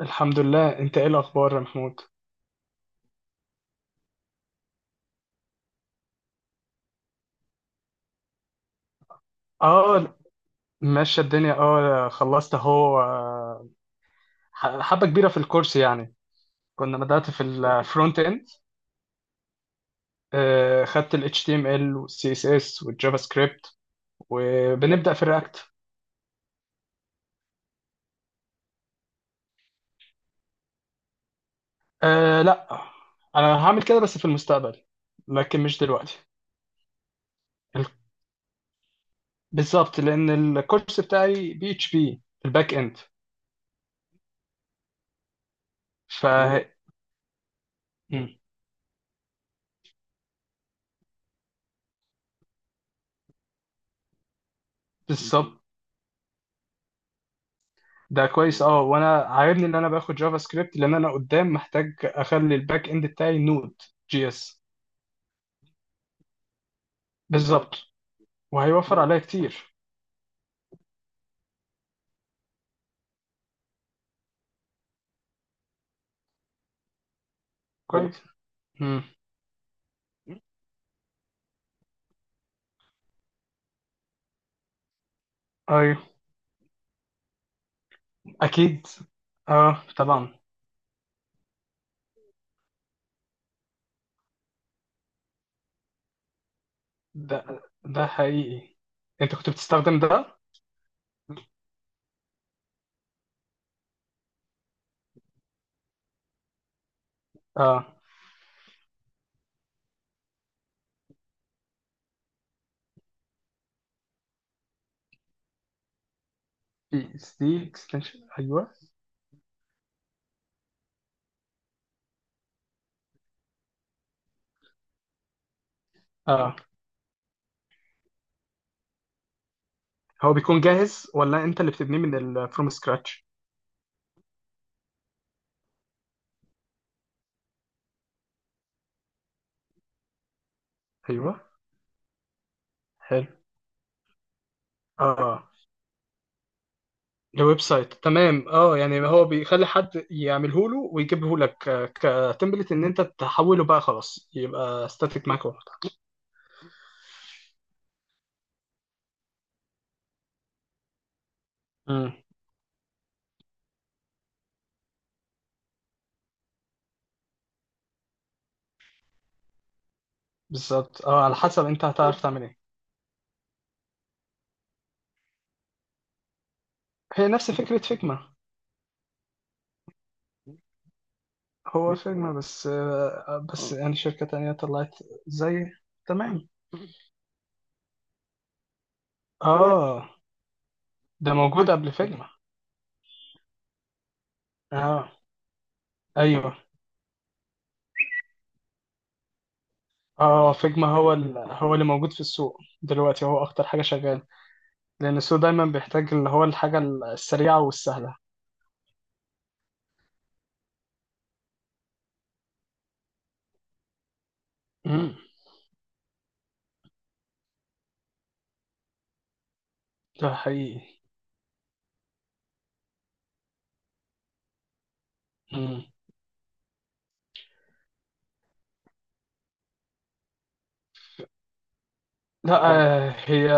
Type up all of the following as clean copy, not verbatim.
الحمد لله، انت ايه الاخبار يا محمود؟ اه، ماشيه الدنيا. اه خلصت اهو. حبه كبيره في الكورس يعني. كنا بدات في الفرونت اند. خدت ال HTML وال CSS والجافا سكريبت، وبنبدا في الرياكت. آه، لا. انا هعمل كده بس في المستقبل، لكن مش دلوقتي. ال- بالظبط، لان الكورس بتاعي بي اتش بي الباك اند. ف مم. بالظبط. ده كويس. اه، وانا عاجبني ان انا باخد جافا سكريبت، لان انا قدام محتاج اخلي الباك اند بتاعي نود جي اس. بالظبط، وهيوفر عليا كتير. كويس. امم. ايوه، اكيد. اه، طبعا. ده حقيقي. انت كنت بتستخدم ده؟ اه، في سي اكستنشن. ايوه، اه، هو بيكون جاهز، ولا انت اللي بتبنيه من الفروم سكراتش؟ ايوه، حلو. اه، الويب سايت، تمام. اه يعني هو بيخلي حد يعمله له ويجيبه لك كتمبلت، ان انت تحوله بقى خلاص يبقى ستاتيك معاك واحد. امم، بالظبط. اه، على حسب انت هتعرف تعمل ايه. هي نفس فكرة فيجما. هو فيجما بس، بس يعني شركة تانية طلعت زي. تمام. اه، ده موجود قبل فيجما. اه، ايوه. اه، فيجما هو هو اللي موجود في السوق دلوقتي، هو اكتر حاجة شغال، لان السوق دايما بيحتاج اللي هو الحاجة السريعة والسهلة. ده حقيقي. مم. لا، طب هي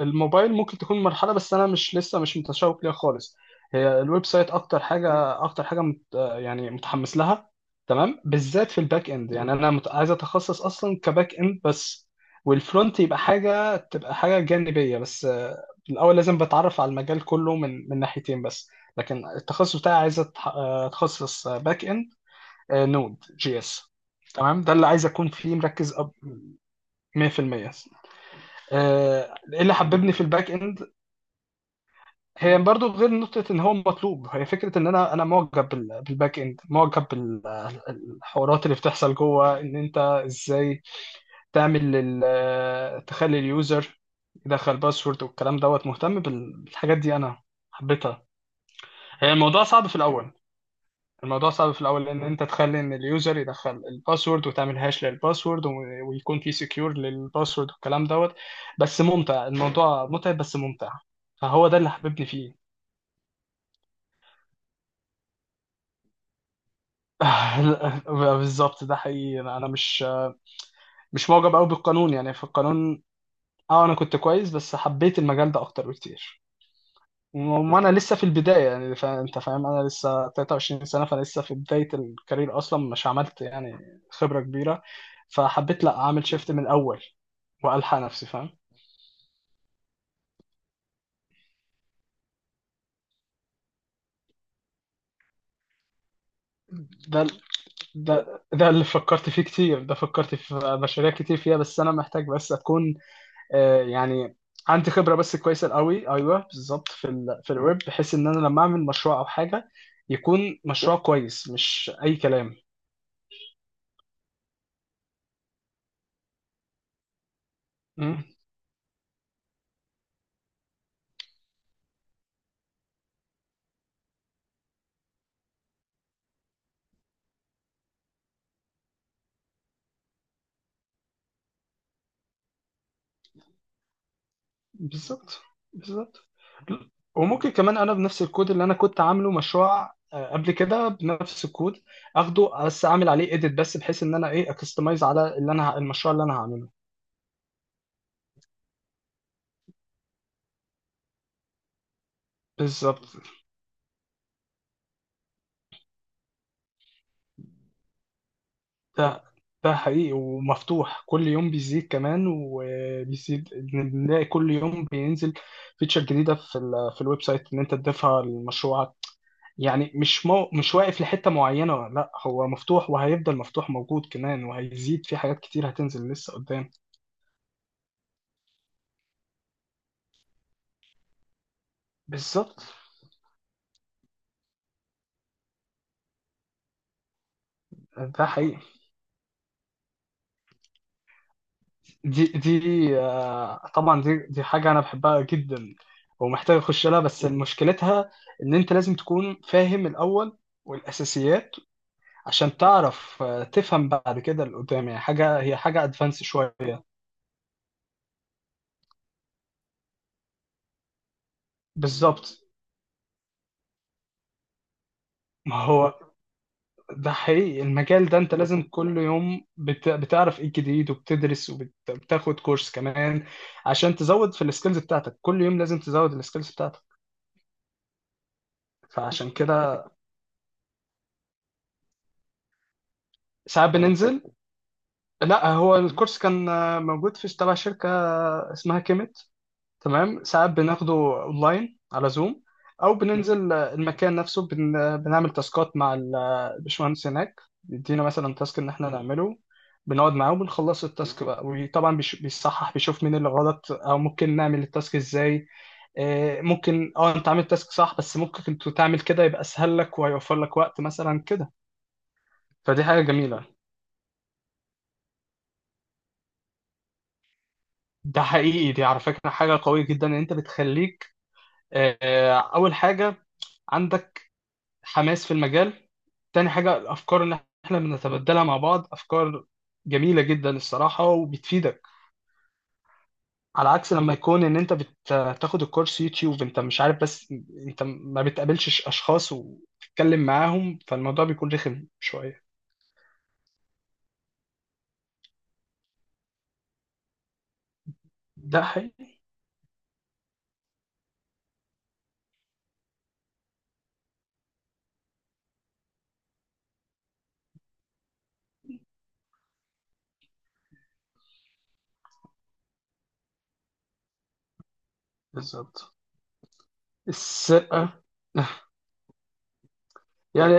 الموبايل ممكن تكون مرحلة، بس أنا مش لسه مش متشوق ليها خالص. هي الويب سايت أكتر حاجة. أكتر حاجة مت آه، يعني متحمس لها. تمام، بالذات في الباك إند. يعني أنا عايز أتخصص أصلا كباك إند بس، والفرونت يبقى حاجة، تبقى حاجة جانبية بس. الأول لازم بتعرف على المجال كله من ناحيتين بس، لكن التخصص بتاعي عايز أتخصص باك إند، نود جي إس. تمام، ده اللي عايز أكون فيه مركز. 100%. ايه اللي حببني في الباك اند؟ هي برضو غير نقطة ان هو مطلوب، هي فكرة ان انا معجب بالباك اند، معجب بالحوارات اللي بتحصل جوه، ان انت ازاي تعمل تخلي اليوزر يدخل باسورد والكلام دوت. مهتم بالحاجات دي انا، حبيتها. هي الموضوع صعب في الاول. الموضوع صعب في الاول، لان انت تخلي ان اليوزر يدخل الباسورد، وتعمل هاش للباسورد ويكون في سكيور للباسورد والكلام دوت. بس ممتع، الموضوع متعب بس ممتع. فهو ده اللي حببني فيه. بالظبط، ده حقيقي. أنا مش معجب قوي بالقانون، يعني في القانون. اه، انا كنت كويس، بس حبيت المجال ده اكتر بكتير. وما انا لسه في البدايه، يعني انت فاهم، انا لسه 23 سنه، فانا لسه في بدايه الكارير، اصلا مش عملت يعني خبره كبيره. فحبيت لا اعمل شيفت من الاول، والحق نفسي. فاهم. ده ده اللي فكرت فيه كتير، ده فكرت في مشاريع كتير فيها، بس انا محتاج بس اكون يعني عندي خبره بس كويسه قوي. ايوه بالظبط، في الويب، بحيث ان انا لما اعمل مشروع او حاجه يكون مشروع كويس مش اي كلام. بالظبط، بالظبط. وممكن كمان انا بنفس الكود اللي انا كنت عامله مشروع قبل كده، بنفس الكود اخده بس اعمل عليه اديت، بس بحيث ان انا ايه اكستمايز على اللي انا المشروع اللي انا هعمله. بالظبط. ده ده حقيقي، ومفتوح كل يوم بيزيد كمان وبيزيد. بنلاقي كل يوم بينزل فيتشر جديده في الويب سايت ان انت تضيفها لمشروعك. يعني مش مش واقف لحتة معينة. لا، هو مفتوح وهيفضل مفتوح موجود كمان، وهيزيد في حاجات كتير هتنزل لسه قدام. بالظبط، ده حقيقي. دي دي آه، طبعا دي حاجة أنا بحبها جدا، ومحتاج أخش لها، بس مشكلتها إن أنت لازم تكون فاهم الأول والأساسيات، عشان تعرف تفهم بعد كده اللي قدام، يعني حاجة، هي حاجة أدفانس شوية. بالظبط. ما هو ده حقيقي، المجال ده انت لازم كل يوم بتعرف ايه جديد وبتدرس وبتاخد كورس كمان، عشان تزود في السكيلز بتاعتك. كل يوم لازم تزود السكيلز بتاعتك. فعشان كده ساعات بننزل. لا، هو الكورس كان موجود في تبع شركة اسمها كيميت. تمام، ساعات بناخده اونلاين على زوم، او بننزل المكان نفسه. بنعمل تاسكات مع الباشمهندس هناك. بيدينا مثلا تاسك ان احنا نعمله، بنقعد معاه وبنخلص التاسك بقى، وطبعا بيصحح، بيشوف مين اللي غلط، او ممكن نعمل التاسك ازاي. ممكن اه انت عامل تاسك صح، بس ممكن انت تعمل كده يبقى اسهل لك وهيوفر لك وقت مثلا كده. فدي حاجه جميله. ده حقيقي، دي على فكره حاجه قويه جدا، ان انت بتخليك اول حاجه عندك حماس في المجال، تاني حاجة الأفكار اللي احنا بنتبادلها مع بعض، أفكار جميلة جدا الصراحة وبتفيدك. على عكس لما يكون إن أنت بتاخد الكورس يوتيوب أنت مش عارف بس، أنت ما بتقابلش أشخاص وتتكلم معاهم، فالموضوع بيكون رخم شوية. ده حقيقي. بالظبط. السرقة. يعني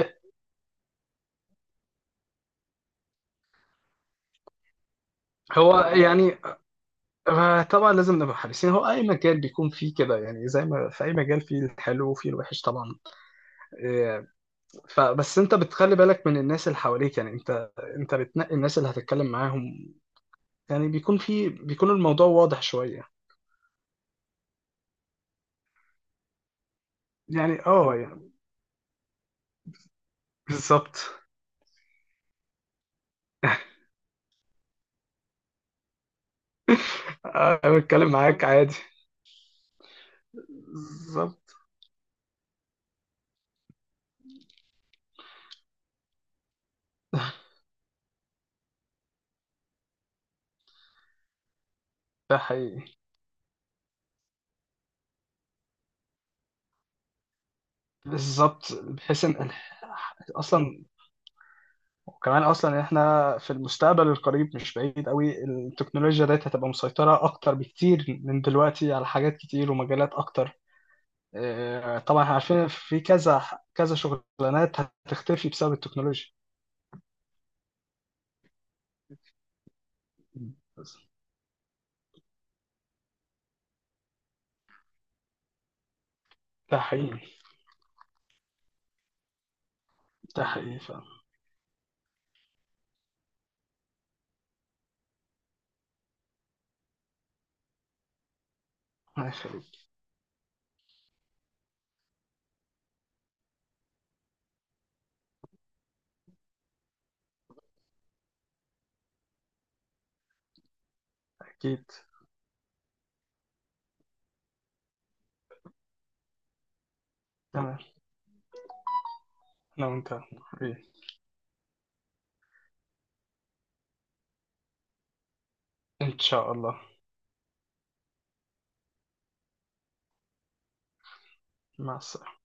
هو يعني، طبعا لازم نبقى حريصين. هو أي مجال بيكون فيه كده، يعني زي ما في أي مجال فيه الحلو وفيه الوحش طبعا. آه، فبس انت بتخلي بالك من الناس اللي حواليك، يعني انت بتنقي الناس اللي هتتكلم معاهم. يعني بيكون الموضوع واضح شوية، يعني اه يعني بالظبط. انا بتكلم معاك بالظبط، عادي. بالظبط، ده حقيقي. بالظبط، بحيث ان اصلا، وكمان اصلا احنا في المستقبل القريب، مش بعيد قوي، التكنولوجيا ديت هتبقى مسيطرة اكتر بكتير من دلوقتي على حاجات كتير ومجالات اكتر. طبعا احنا عارفين في كذا كذا شغلانات هتختفي بسبب التكنولوجيا بس. ده حقيقي. ده حقيقي فعلا. الله يخليك. أكيد، تمام. أنا وأنت. إيه، إن شاء الله. مع السلامة.